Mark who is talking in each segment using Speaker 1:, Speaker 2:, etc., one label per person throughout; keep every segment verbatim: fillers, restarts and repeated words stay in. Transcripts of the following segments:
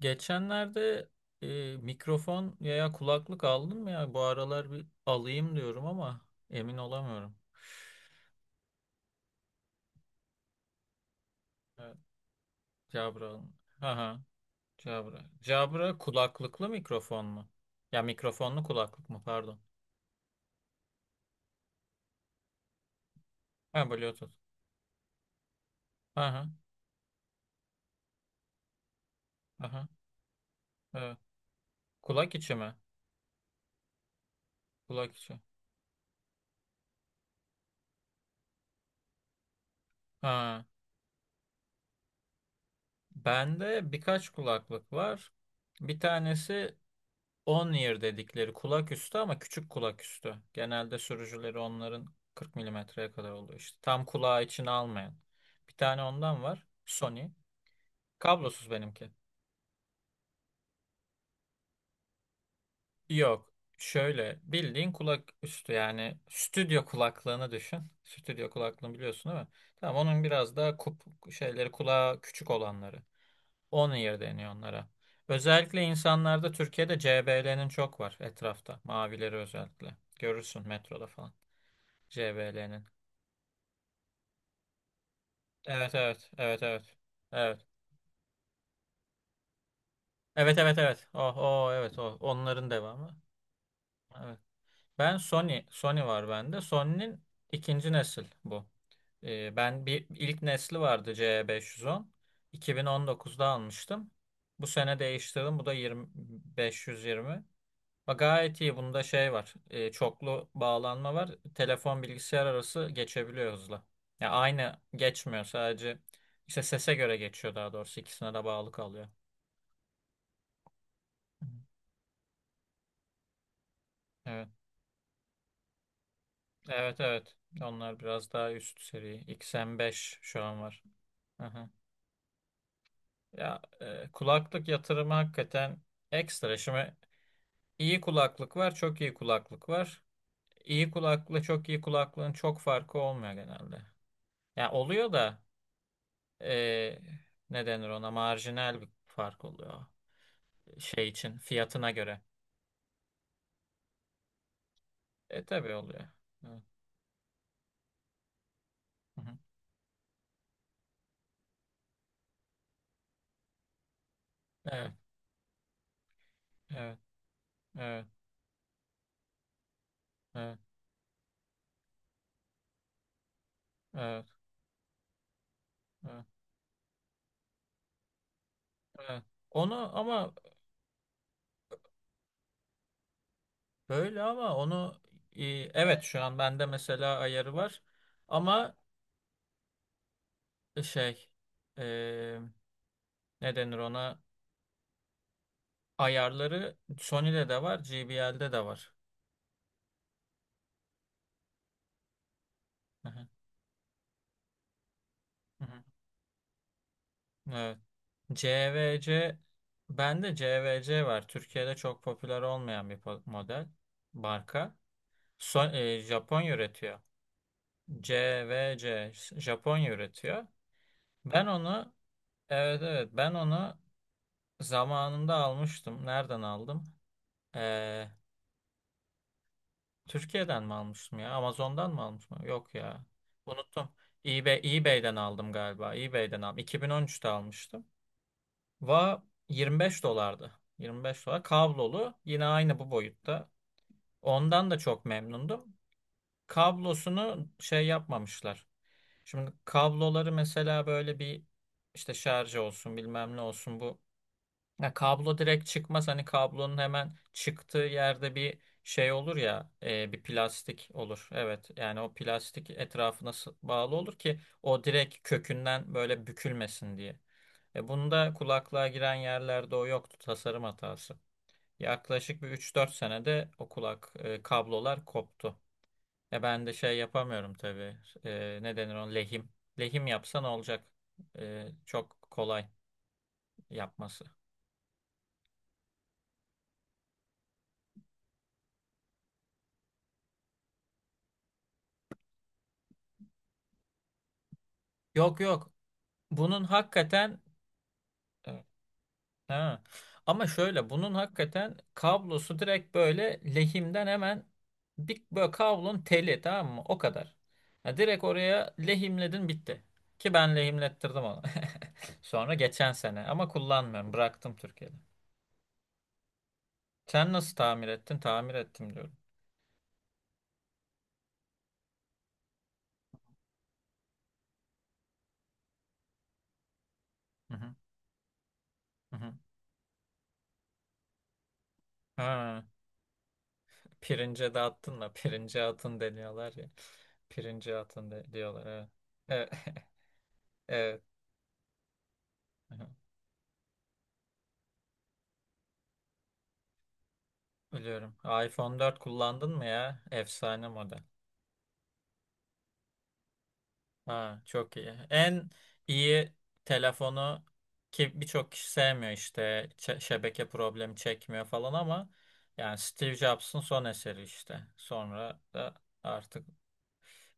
Speaker 1: Geçenlerde e, mikrofon veya kulaklık aldım ya, bu aralar bir alayım diyorum ama emin olamıyorum. Evet, Cabra. Aha, Cabra. Cabra kulaklıklı mikrofon mu? Ya, mikrofonlu kulaklık mı pardon. Ha, Bluetooth. Aha, aha. Evet. Kulak içi mi? Kulak içi. Ha. Bende birkaç kulaklık var. Bir tanesi on ear dedikleri, kulak üstü ama küçük kulak üstü. Genelde sürücüleri onların kırk milimetreye kadar oluyor işte. Tam kulağı içine almayan. Bir tane ondan var. Sony. Kablosuz benimki. Yok. Şöyle bildiğin kulak üstü, yani stüdyo kulaklığını düşün. Stüdyo kulaklığını biliyorsun, değil mi? Tamam, onun biraz daha kup şeyleri, kulağı küçük olanları. On ear deniyor onlara. Özellikle insanlarda Türkiye'de C B L'nin çok var etrafta. Mavileri özellikle. Görürsün metroda falan. J B L'nin. Evet, evet, evet, evet. Evet. Evet, evet, evet. Oh, oh, evet, o onların devamı. Evet. Ben, Sony Sony var bende. Sony'nin ikinci nesil bu. Ee, ben bir ilk nesli vardı, C beş yüz on. iki bin on dokuzda almıştım. Bu sene değiştirdim. Bu da yirmi, beş yüz yirmi. Bak, gayet iyi. Bunda şey var. E, çoklu bağlanma var. Telefon bilgisayar arası geçebiliyor hızla. Ya, aynı geçmiyor sadece. İşte sese göre geçiyor daha doğrusu. İkisine de bağlı kalıyor. Evet. Evet, evet. Onlar biraz daha üst seri. X M beş şu an var. Aha. Ya, e, kulaklık yatırımı hakikaten ekstra. Şimdi iyi kulaklık var, çok iyi kulaklık var. İyi kulaklıkla çok iyi kulaklığın çok farkı olmuyor genelde. Ya, oluyor da e, ne denir ona, marjinal bir fark oluyor şey için, fiyatına göre. E tabii oluyor. Evet. Hı hı. Evet, evet, evet, evet, evet, evet, evet. Onu ama böyle, ama onu e, evet, şu an bende mesela ayarı var ama şey, e, ne denir ona, ayarları Sony'de de var, J B L'de de var. Hı hı, hı hı. Evet. C V C, bende C V C var. Türkiye'de çok popüler olmayan bir po- model, marka. So- e, Japonya üretiyor. C V C Japonya üretiyor. Ben onu, evet, evet, ben onu zamanında almıştım. Nereden aldım? Ee, Türkiye'den mi almıştım ya? Amazon'dan mı almıştım? Yok ya. Unuttum. eBay, eBay'den aldım galiba. eBay'den aldım. iki bin on üçte almıştım. Va yirmi beş dolardı. yirmi beş dolar. Kablolu. Yine aynı bu boyutta. Ondan da çok memnundum. Kablosunu şey yapmamışlar. Şimdi kabloları mesela böyle bir, işte şarj olsun, bilmem ne olsun bu. Ya, kablo direkt çıkmaz. Hani kablonun hemen çıktığı yerde bir şey olur ya, e, bir plastik olur. Evet yani o plastik etrafına s- bağlı olur ki o direkt kökünden böyle bükülmesin diye. E bunda kulaklığa giren yerlerde o yoktu, tasarım hatası. Yaklaşık bir üç dört senede o kulak, e, kablolar koptu. E ben de şey yapamıyorum tabii. E, ne denir on lehim. Lehim yapsan olacak. E, çok kolay yapması. Yok, yok. Bunun hakikaten, e, ha. Ama şöyle, bunun hakikaten kablosu direkt böyle lehimden hemen bir, böyle kablonun teli, tamam mı? O kadar. Ya, direkt oraya lehimledin, bitti. Ki ben lehimlettirdim onu. Sonra geçen sene ama kullanmıyorum. Bıraktım Türkiye'de. Sen nasıl tamir ettin? Tamir ettim diyorum. Hı hı. Hı hı. Ha, pirince dağıttın mı? Pirince atın deniyorlar ya. Pirince atın de diyorlar, evet. Evet. Evet. Biliyorum. iPhone dört kullandın mı ya? Efsane model. Ha, çok iyi. En iyi telefonu, ki birçok kişi sevmiyor işte, çe- şebeke problemi çekmiyor falan ama yani Steve Jobs'ın son eseri işte. Sonra da artık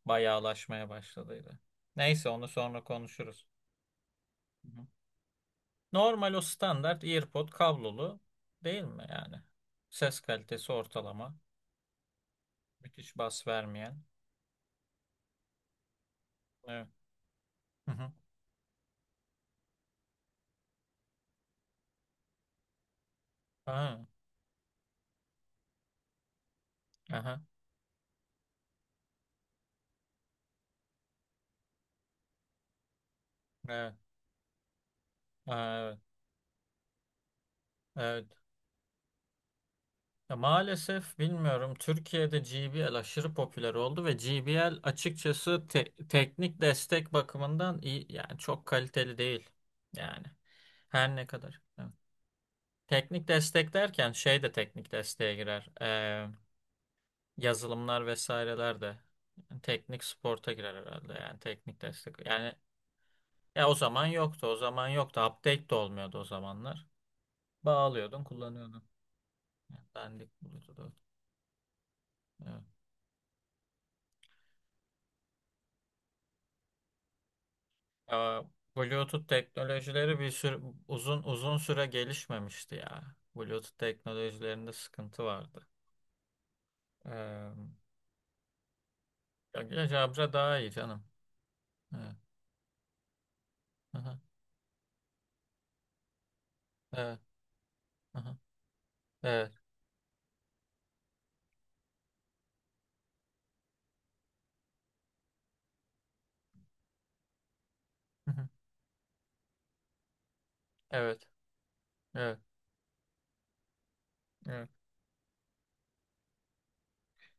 Speaker 1: bayağılaşmaya başladıydı. Neyse, onu sonra konuşuruz. Hı hı. Normal o standart AirPod kablolu, değil mi yani? Ses kalitesi ortalama. Müthiş bas vermeyen. Evet. Hı hı. Ha, aha. Evet, evet, evet. Ya, maalesef bilmiyorum, Türkiye'de G B L aşırı popüler oldu ve G B L açıkçası te- teknik destek bakımından iyi yani çok kaliteli değil. Yani her ne kadar. Evet. Teknik destek derken şey de teknik desteğe girer. Ee, yazılımlar vesaireler de, yani teknik sporta girer herhalde yani teknik destek. Yani ya, o zaman yoktu, o zaman yoktu, update de olmuyordu o zamanlar. Bağlıyordun, kullanıyordun. Yani dandik buluyordu. Ya, Bluetooth teknolojileri bir sürü, uzun uzun süre gelişmemişti ya. Bluetooth teknolojilerinde sıkıntı vardı. Ee, ya ya Jabra daha iyi canım. Evet. Aha. Evet. Aha. Evet. Hı-hı. Evet. Evet. Evet.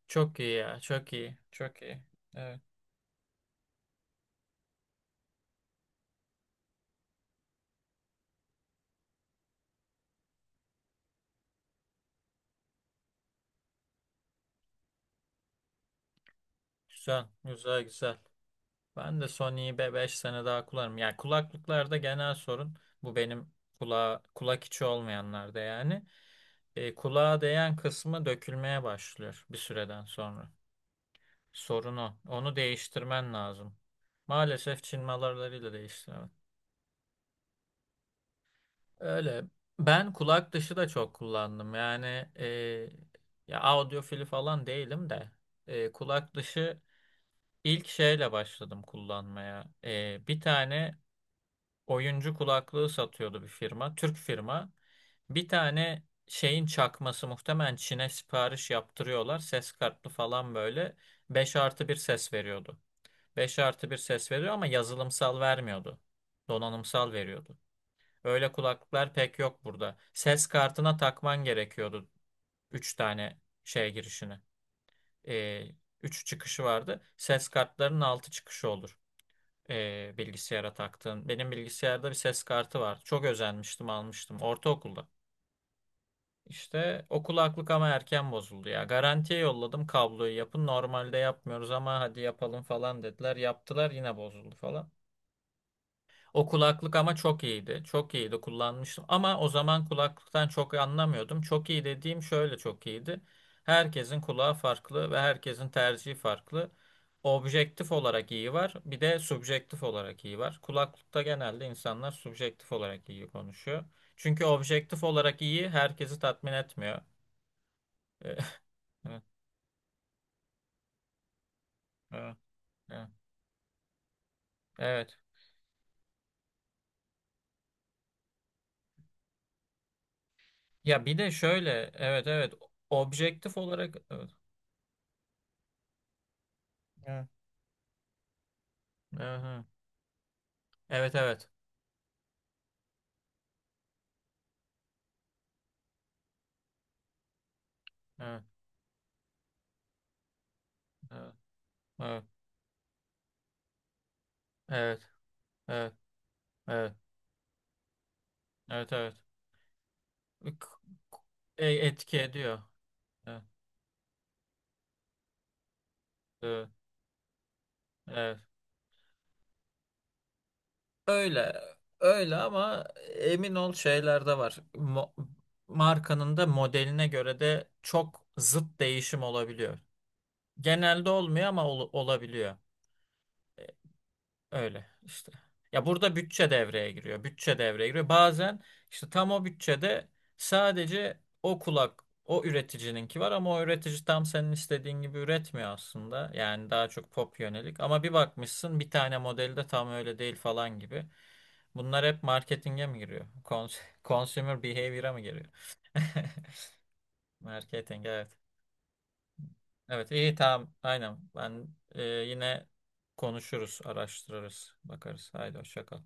Speaker 1: Çok iyi ya. Çok iyi. Çok iyi. Evet. Güzel. Güzel, güzel. Ben de Sony'yi beş sene daha kullanırım. Yani kulaklıklarda genel sorun bu benim, kulağa, kulak içi olmayanlarda yani. E, kulağa değen kısmı dökülmeye başlıyor bir süreden sonra. Sorun o. Onu değiştirmen lazım. Maalesef Çin malarlarıyla değiştiremem. Öyle. Ben kulak dışı da çok kullandım. Yani, e, ya, audiofili falan değilim de e, kulak dışı, ilk şeyle başladım kullanmaya. E, bir tane oyuncu kulaklığı satıyordu bir firma. Türk firma. Bir tane şeyin çakması, muhtemelen Çin'e sipariş yaptırıyorlar. Ses kartlı falan, böyle beş artı bir ses veriyordu. beş artı bir ses veriyor ama yazılımsal vermiyordu. Donanımsal veriyordu. Öyle kulaklıklar pek yok burada. Ses kartına takman gerekiyordu üç tane şey girişini. Ee, üç çıkışı vardı. Ses kartlarının altı çıkışı olur, e, bilgisayara taktığım. Benim bilgisayarda bir ses kartı vardı. Çok özenmiştim, almıştım ortaokulda. İşte o kulaklık ama erken bozuldu ya. Garantiye yolladım, kabloyu yapın. Normalde yapmıyoruz ama hadi yapalım falan dediler. Yaptılar, yine bozuldu falan. O kulaklık ama çok iyiydi. Çok iyiydi, kullanmıştım. Ama o zaman kulaklıktan çok anlamıyordum. Çok iyi dediğim şöyle çok iyiydi. Herkesin kulağı farklı ve herkesin tercihi farklı. Objektif olarak iyi var. Bir de subjektif olarak iyi var. Kulaklıkta genelde insanlar subjektif olarak iyi konuşuyor. Çünkü objektif olarak iyi herkesi tatmin etmiyor. E, Evet, evet, evet. Evet. Ya bir de şöyle, evet, evet, objektif olarak, evet, evet. Aha. Evet, evet. Evet. Evet, evet, evet, evet, evet, evet. Evet. K- k- e- Etki ediyor. Evet, evet, evet. Öyle, öyle ama emin ol şeyler de var. Mo- markanın da modeline göre de çok zıt değişim olabiliyor. Genelde olmuyor ama ol- olabiliyor. Öyle işte. Ya, burada bütçe devreye giriyor. Bütçe devreye giriyor. Bazen işte tam o bütçede sadece o kulak, o üreticininki var ama o üretici tam senin istediğin gibi üretmiyor aslında. Yani daha çok pop yönelik. Ama bir bakmışsın, bir tane modeli de tam öyle değil falan gibi. Bunlar hep marketinge mi giriyor? Cons- consumer behavior'a mı giriyor? Marketing, evet. Evet, iyi, tamam aynen. Ben, e, yine konuşuruz, araştırırız, bakarız. Haydi hoşça kal.